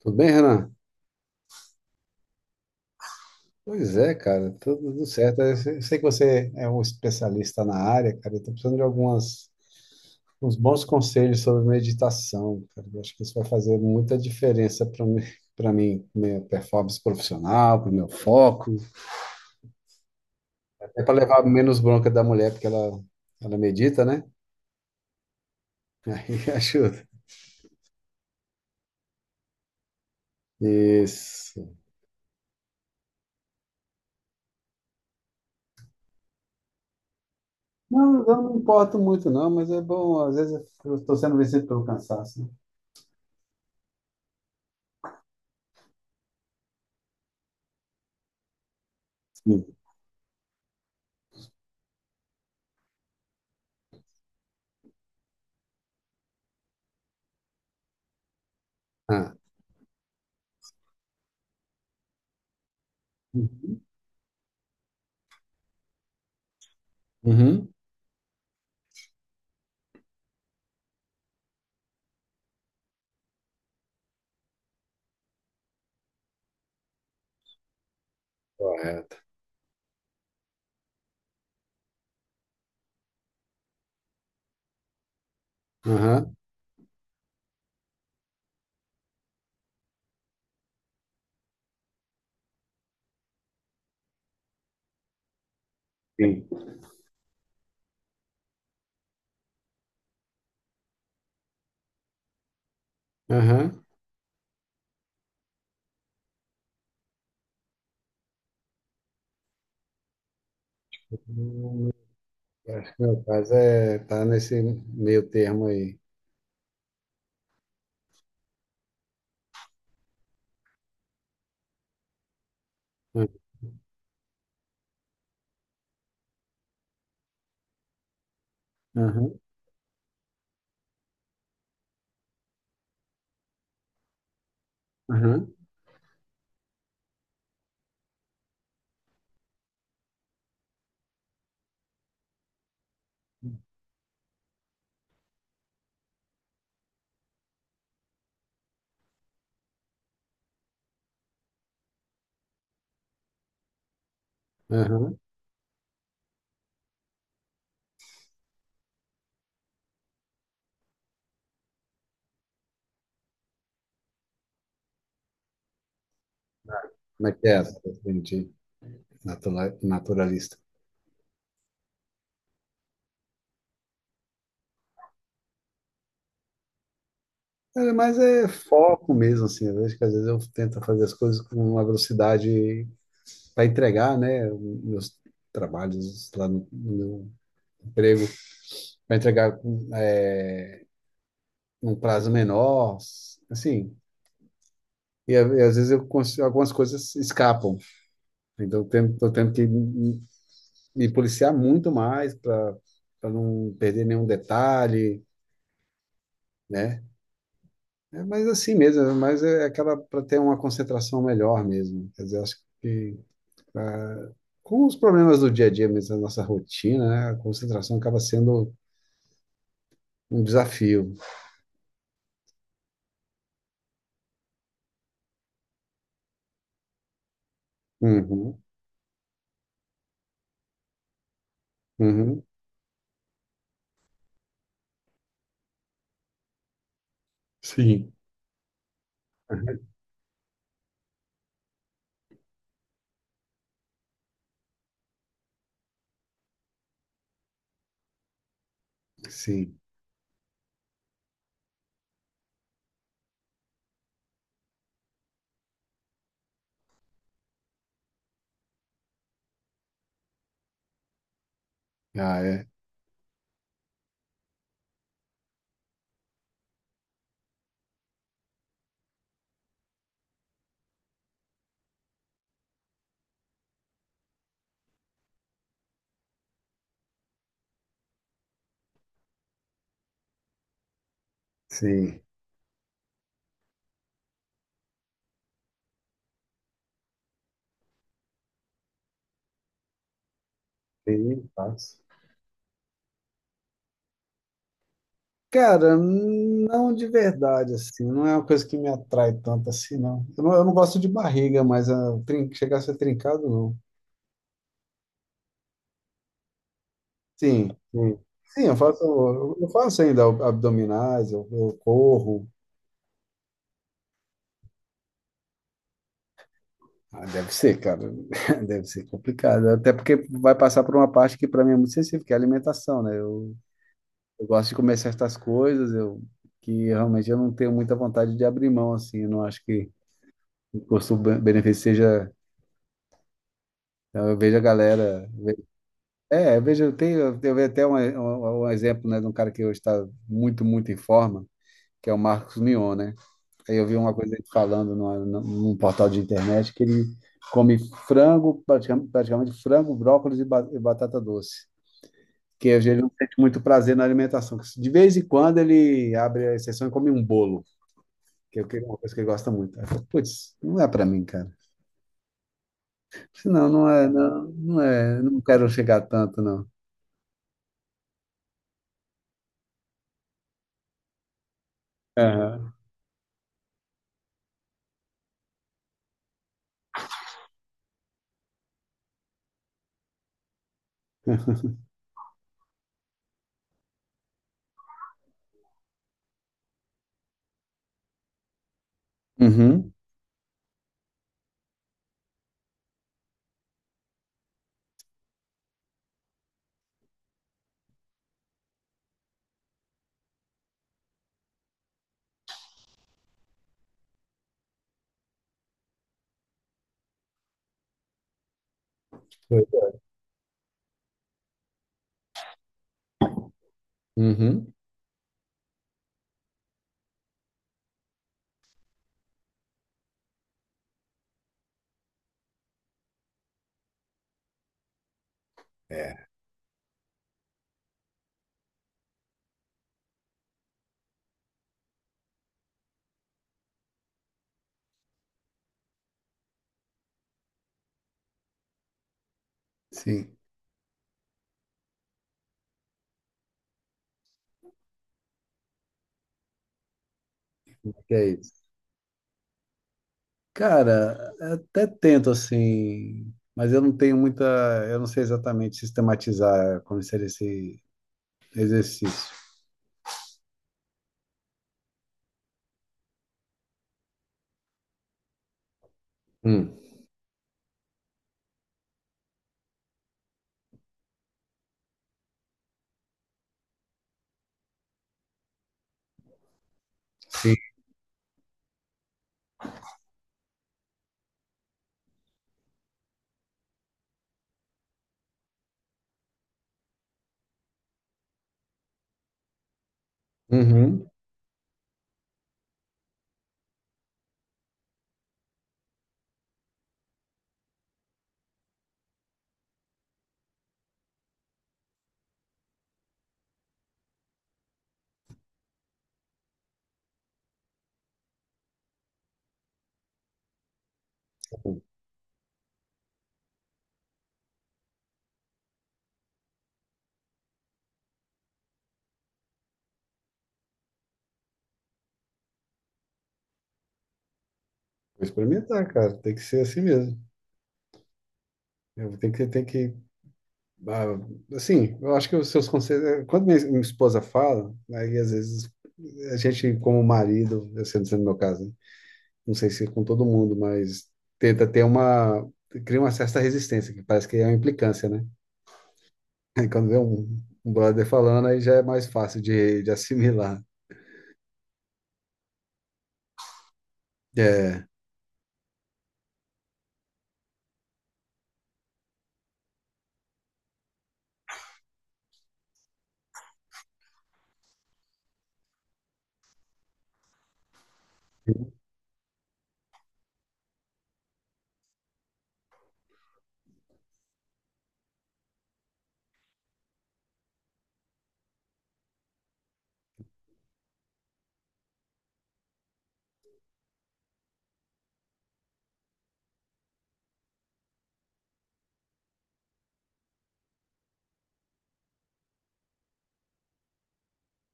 Tudo bem, Renan? Pois é, cara, tudo certo. Eu sei que você é um especialista na área, cara. Eu tô precisando de algumas, uns bons conselhos sobre meditação, cara. Eu acho que isso vai fazer muita diferença para mim, minha performance profissional, para o meu foco, até para levar menos bronca da mulher, porque ela medita, né? Aí ajuda. Isso. Não, eu não me importo muito, não, mas é bom. Às vezes eu estou sendo vencido pelo cansaço, né? Sim. Ah. Uhum. Uhum. Correto. Aham. Sim. Aham. Hum. Acho que meu caso é tá nesse meio termo aí. Ah. Aham, aham, aham. Como é que é essa, gente, naturalista? É, mas é foco mesmo, assim. Eu vejo que às vezes eu tento fazer as coisas com uma velocidade para entregar, né? Meus trabalhos lá no emprego, para entregar com, é, num prazo menor, assim. E, e às vezes algumas coisas escapam. Então, tô tendo que me policiar muito mais para não perder nenhum detalhe, né? É, mas assim mesmo, é, mas é aquela para ter uma concentração melhor mesmo. Quer dizer, acho que ah, com os problemas do dia a dia mesmo, da nossa rotina, né? A concentração acaba sendo um desafio. Uhum, uhum. Sim. Sim. Ah, é. Sim. Sim, faz. Cara, não, de verdade, assim, não é uma coisa que me atrai tanto assim, não. Eu não gosto de barriga, mas ah, chegar a ser trincado, não. Sim, sim. Sim, eu faço, eu faço ainda abdominais, eu corro. Ah, deve ser, cara, deve ser complicado. Até porque vai passar por uma parte que para mim é muito sensível, que é a alimentação, né? Eu gosto de comer certas coisas, eu, que realmente eu não tenho muita vontade de abrir mão, assim, eu não acho que o custo-benefício seja. Então, eu vejo a galera. É, eu vejo, eu vejo até um exemplo, né, de um cara que hoje está muito, muito em forma, que é o Marcos Mion, né? Aí eu vi uma coisa ele falando num portal de internet que ele come frango, praticamente frango, brócolis e, e batata doce, que ele não sente muito prazer na alimentação. De vez em quando ele abre a exceção e come um bolo, que é uma coisa que ele gosta muito. Aí eu falo, putz, não é para mim, cara. Senão, não é, não, não é, não quero chegar tanto, não. Aham. Uhum. Foi. Uhum. Sim. Que é isso? Cara, até tento assim, mas eu não tenho muita, eu não sei exatamente sistematizar como seria esse exercício. Hum. Sim. Uhum. Vou experimentar, cara. Tem que ser assim mesmo. Eu tenho que, tem que, ah, assim, eu acho que os seus conselhos. É, quando minha esposa fala, aí às vezes a gente, como marido, eu sendo no meu caso, né? Não sei se é com todo mundo, mas tenta ter uma, cria uma certa resistência, que parece que é uma implicância, né? Aí quando vê um brother falando, aí já é mais fácil de assimilar. É.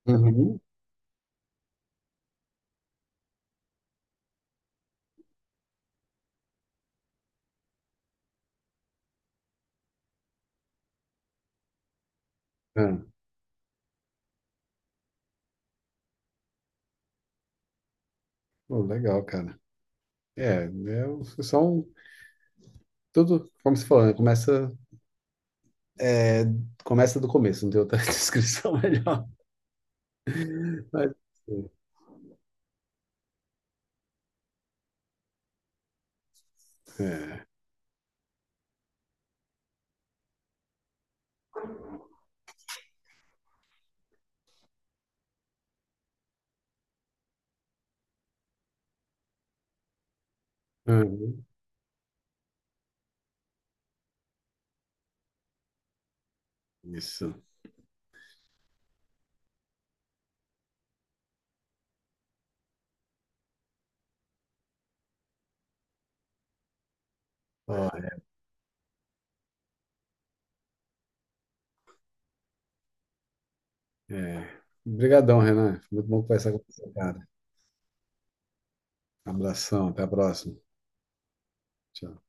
Uhum. Ah, pô, legal, cara. É, é são tudo, como se falando, começa, é, começa do começo, não tem outra descrição melhor. Mas, é, uhum, isso. Ó, é. Obrigadão, Renan. Foi muito bom conversar com você, cara. Abração, até a próxima. Tchau.